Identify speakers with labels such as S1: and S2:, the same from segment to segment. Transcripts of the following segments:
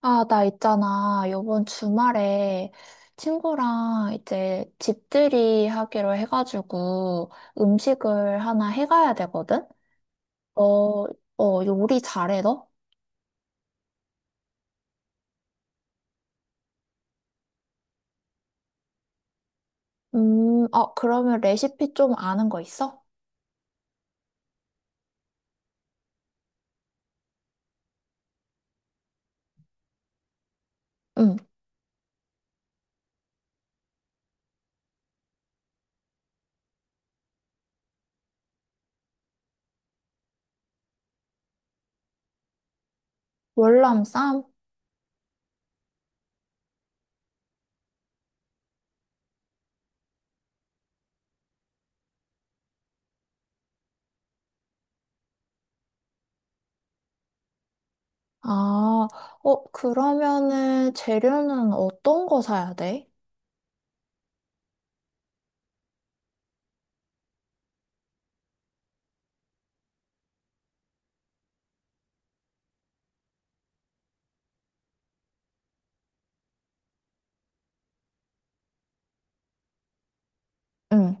S1: 아, 나 있잖아. 요번 주말에 친구랑 이제 집들이 하기로 해가지고 음식을 하나 해가야 되거든? 어, 요리 잘해, 너? 그러면 레시피 좀 아는 거 있어? 응, 월남쌈? 아, 그러면은 재료는 어떤 거 사야 돼? 응.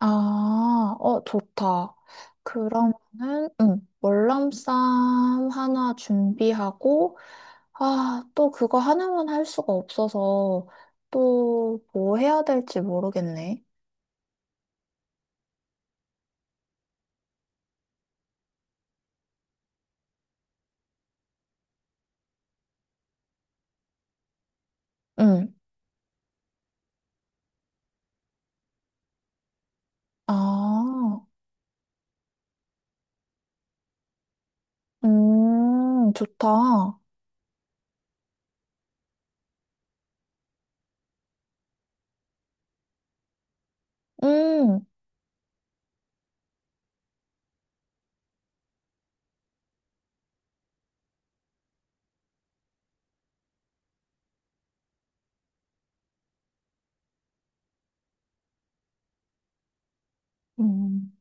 S1: 아, 좋다. 그러면은, 응, 월남쌈 하나 준비하고, 아, 또 그거 하나만 할 수가 없어서, 또 뭐 해야 될지 모르겠네. 응, 아, 좋다. 음, 음,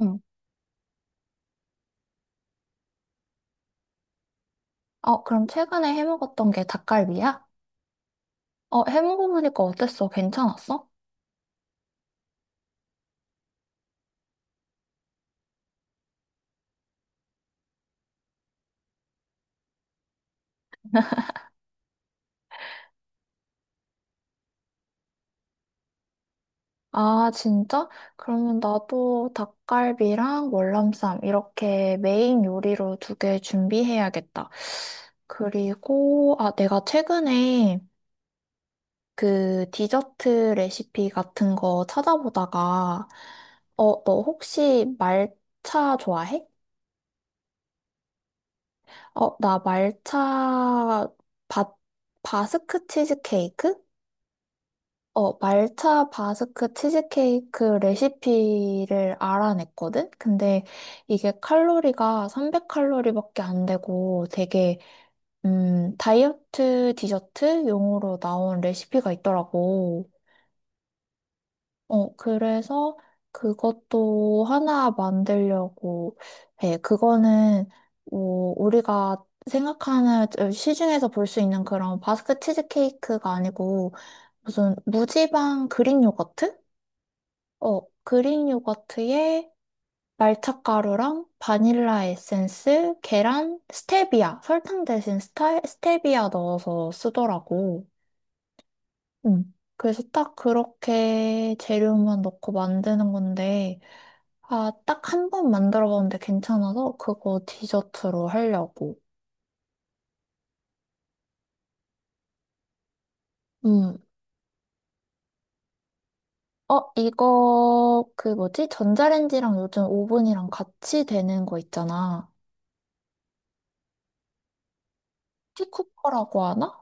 S1: 응. 그럼 최근에 해 먹었던 게 닭갈비야? 해 먹어보니까 어땠어? 괜찮았어? 아, 진짜? 그러면 나도 닭갈비랑 월남쌈 이렇게 메인 요리로 두 개 준비해야겠다. 그리고, 아, 내가 최근에 그 디저트 레시피 같은 거 찾아보다가, 너 혹시 말차 좋아해? 나 말차 바, 바스크 치즈케이크? 말차 바스크 치즈케이크 레시피를 알아냈거든? 근데 이게 칼로리가 300칼로리밖에 안 되고 되게, 다이어트 디저트 용으로 나온 레시피가 있더라고. 그래서 그것도 하나 만들려고 해. 그거는, 뭐, 우리가 생각하는 시중에서 볼 수 있는 그런 바스크 치즈케이크가 아니고 무슨 무지방 그릭 요거트? 그릭 요거트에 말차가루랑 바닐라 에센스, 계란, 스테비아, 설탕 대신 스테비아 넣어서 쓰더라고. 응. 그래서 딱 그렇게 재료만 넣고 만드는 건데, 아, 딱 한 번 만들어 봤는데 괜찮아서 그거 디저트로 하려고. 음. 이거, 그 뭐지? 전자레인지랑 요즘 오븐이랑 같이 되는 거 있잖아. 티쿠퍼라고 하나?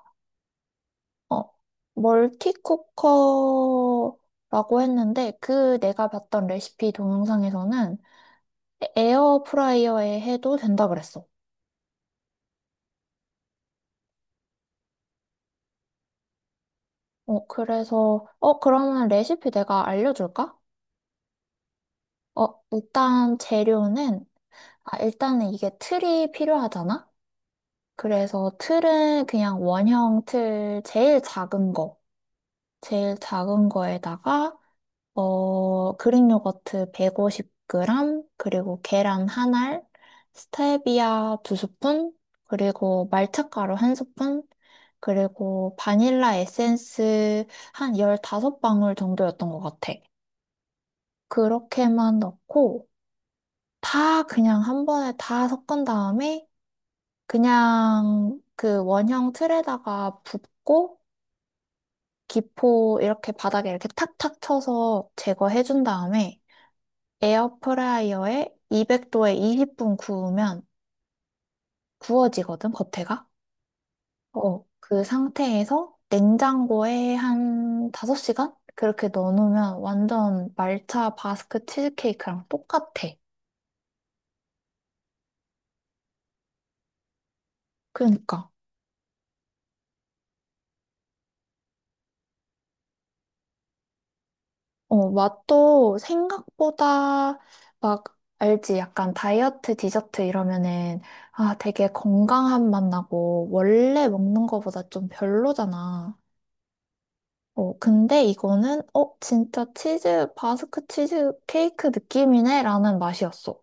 S1: 어, 멀티쿠커라고 했는데 그 내가 봤던 레시피 동영상에서는 에어프라이어에 해도 된다 그랬어. 그래서 그러면 레시피 내가 알려줄까? 일단 재료는 아, 일단은 이게 틀이 필요하잖아. 그래서 틀은 그냥 원형 틀 제일 작은 거, 제일 작은 거에다가 그릭 요거트 150g, 그리고 계란 한 알, 스테비아 두 스푼, 그리고 말차가루 한 스푼, 그리고 바닐라 에센스 한 15방울 정도였던 것 같아. 그렇게만 넣고, 다 그냥 한 번에 다 섞은 다음에, 그냥 그 원형 틀에다가 붓고, 기포 이렇게 바닥에 이렇게 탁탁 쳐서 제거해준 다음에, 에어프라이어에 200도에 20분 구우면 구워지거든, 겉에가. 그 상태에서 냉장고에 한 5시간? 그렇게 넣어놓으면 완전 말차 바스크 치즈케이크랑 똑같아. 그러니까. 맛도 생각보다 막, 알지? 약간 다이어트 디저트 이러면은, 아, 되게 건강한 맛 나고, 원래 먹는 거보다 좀 별로잖아. 근데 이거는, 진짜 바스크 치즈 케이크 느낌이네? 라는 맛이었어.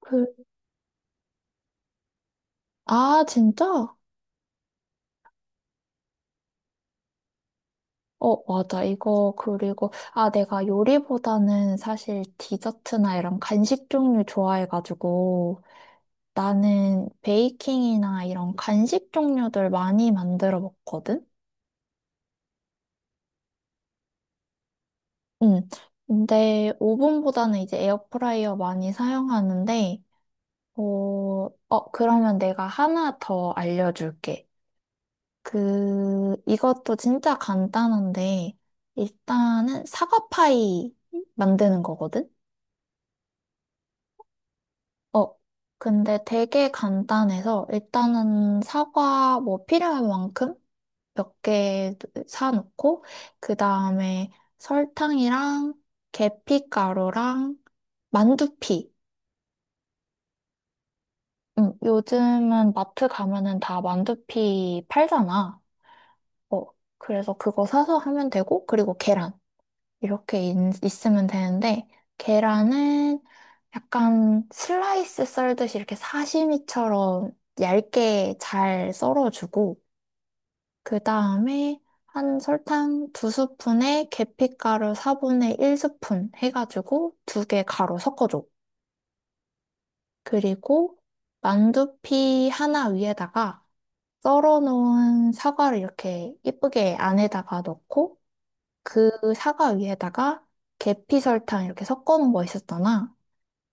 S1: 그, 아, 진짜? 맞아. 이거, 그리고, 아, 내가 요리보다는 사실 디저트나 이런 간식 종류 좋아해가지고, 나는 베이킹이나 이런 간식 종류들 많이 만들어 먹거든? 음. 근데 오븐보다는 이제 에어프라이어 많이 사용하는데, 어, 그러면 내가 하나 더 알려줄게. 이것도 진짜 간단한데, 일단은 사과파이 만드는 거거든? 어, 근데 되게 간단해서, 일단은 사과 뭐 필요한 만큼 몇 개 사놓고, 그 다음에 설탕이랑 계피가루랑 만두피. 요즘은 마트 가면은 다 만두피 팔잖아. 어, 그래서 그거 사서 하면 되고, 그리고 계란. 이렇게 있으면 되는데, 계란은 약간 슬라이스 썰듯이 이렇게 사시미처럼 얇게 잘 썰어주고, 그 다음에 한 설탕 두 스푼에 계피가루 4분의 1 스푼 해가지고 두 개 가루 섞어줘. 그리고 만두피 하나 위에다가 썰어놓은 사과를 이렇게 이쁘게 안에다가 넣고, 그 사과 위에다가 계피 설탕 이렇게 섞어 놓은 거 있었잖아.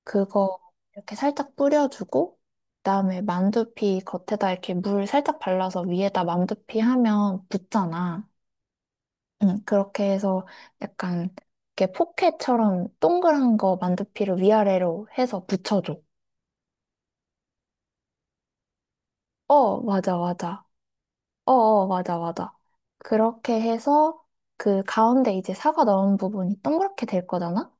S1: 그거 이렇게 살짝 뿌려주고, 그다음에 만두피 겉에다 이렇게 물 살짝 발라서 위에다 만두피 하면 붙잖아. 응, 그렇게 해서 약간 이렇게 포켓처럼 동그란 거 만두피를 위아래로 해서 붙여줘. 맞아, 맞아. 맞아, 맞아. 그렇게 해서 그 가운데 이제 사과 넣은 부분이 동그랗게 될 거잖아?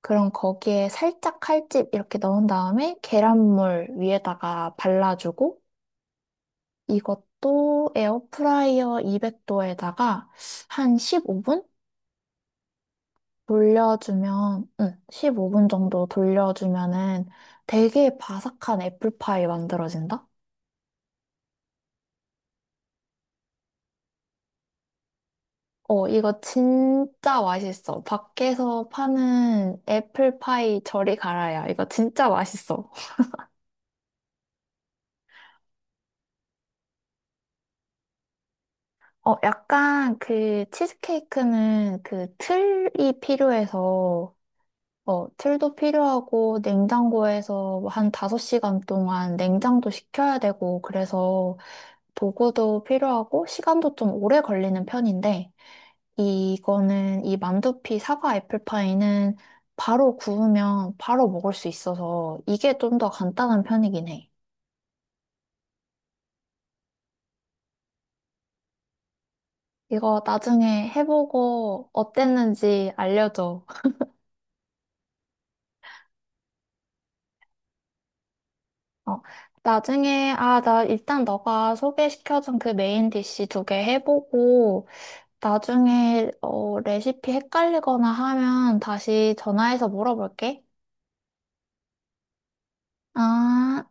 S1: 그럼 거기에 살짝 칼집 이렇게 넣은 다음에 계란물 위에다가 발라주고 이것도 에어프라이어 200도에다가 한 15분 돌려주면, 응, 15분 정도 돌려주면은 되게 바삭한 애플파이 만들어진다? 이거 진짜 맛있어. 밖에서 파는 애플파이 저리 가라야. 이거 진짜 맛있어. 약간 그 치즈케이크는 그 틀이 필요해서, 틀도 필요하고 냉장고에서 한 5시간 동안 냉장도 시켜야 되고, 그래서 도구도 필요하고, 시간도 좀 오래 걸리는 편인데, 이거는 이 만두피 사과 애플파이는 바로 구우면 바로 먹을 수 있어서 이게 좀 더 간단한 편이긴 해. 이거 나중에 해보고 어땠는지 알려줘. 어, 나중에, 아, 나 일단 너가 소개시켜준 그 메인 디시 두 개 해보고, 나중에, 레시피 헷갈리거나 하면 다시 전화해서 물어볼게. 아.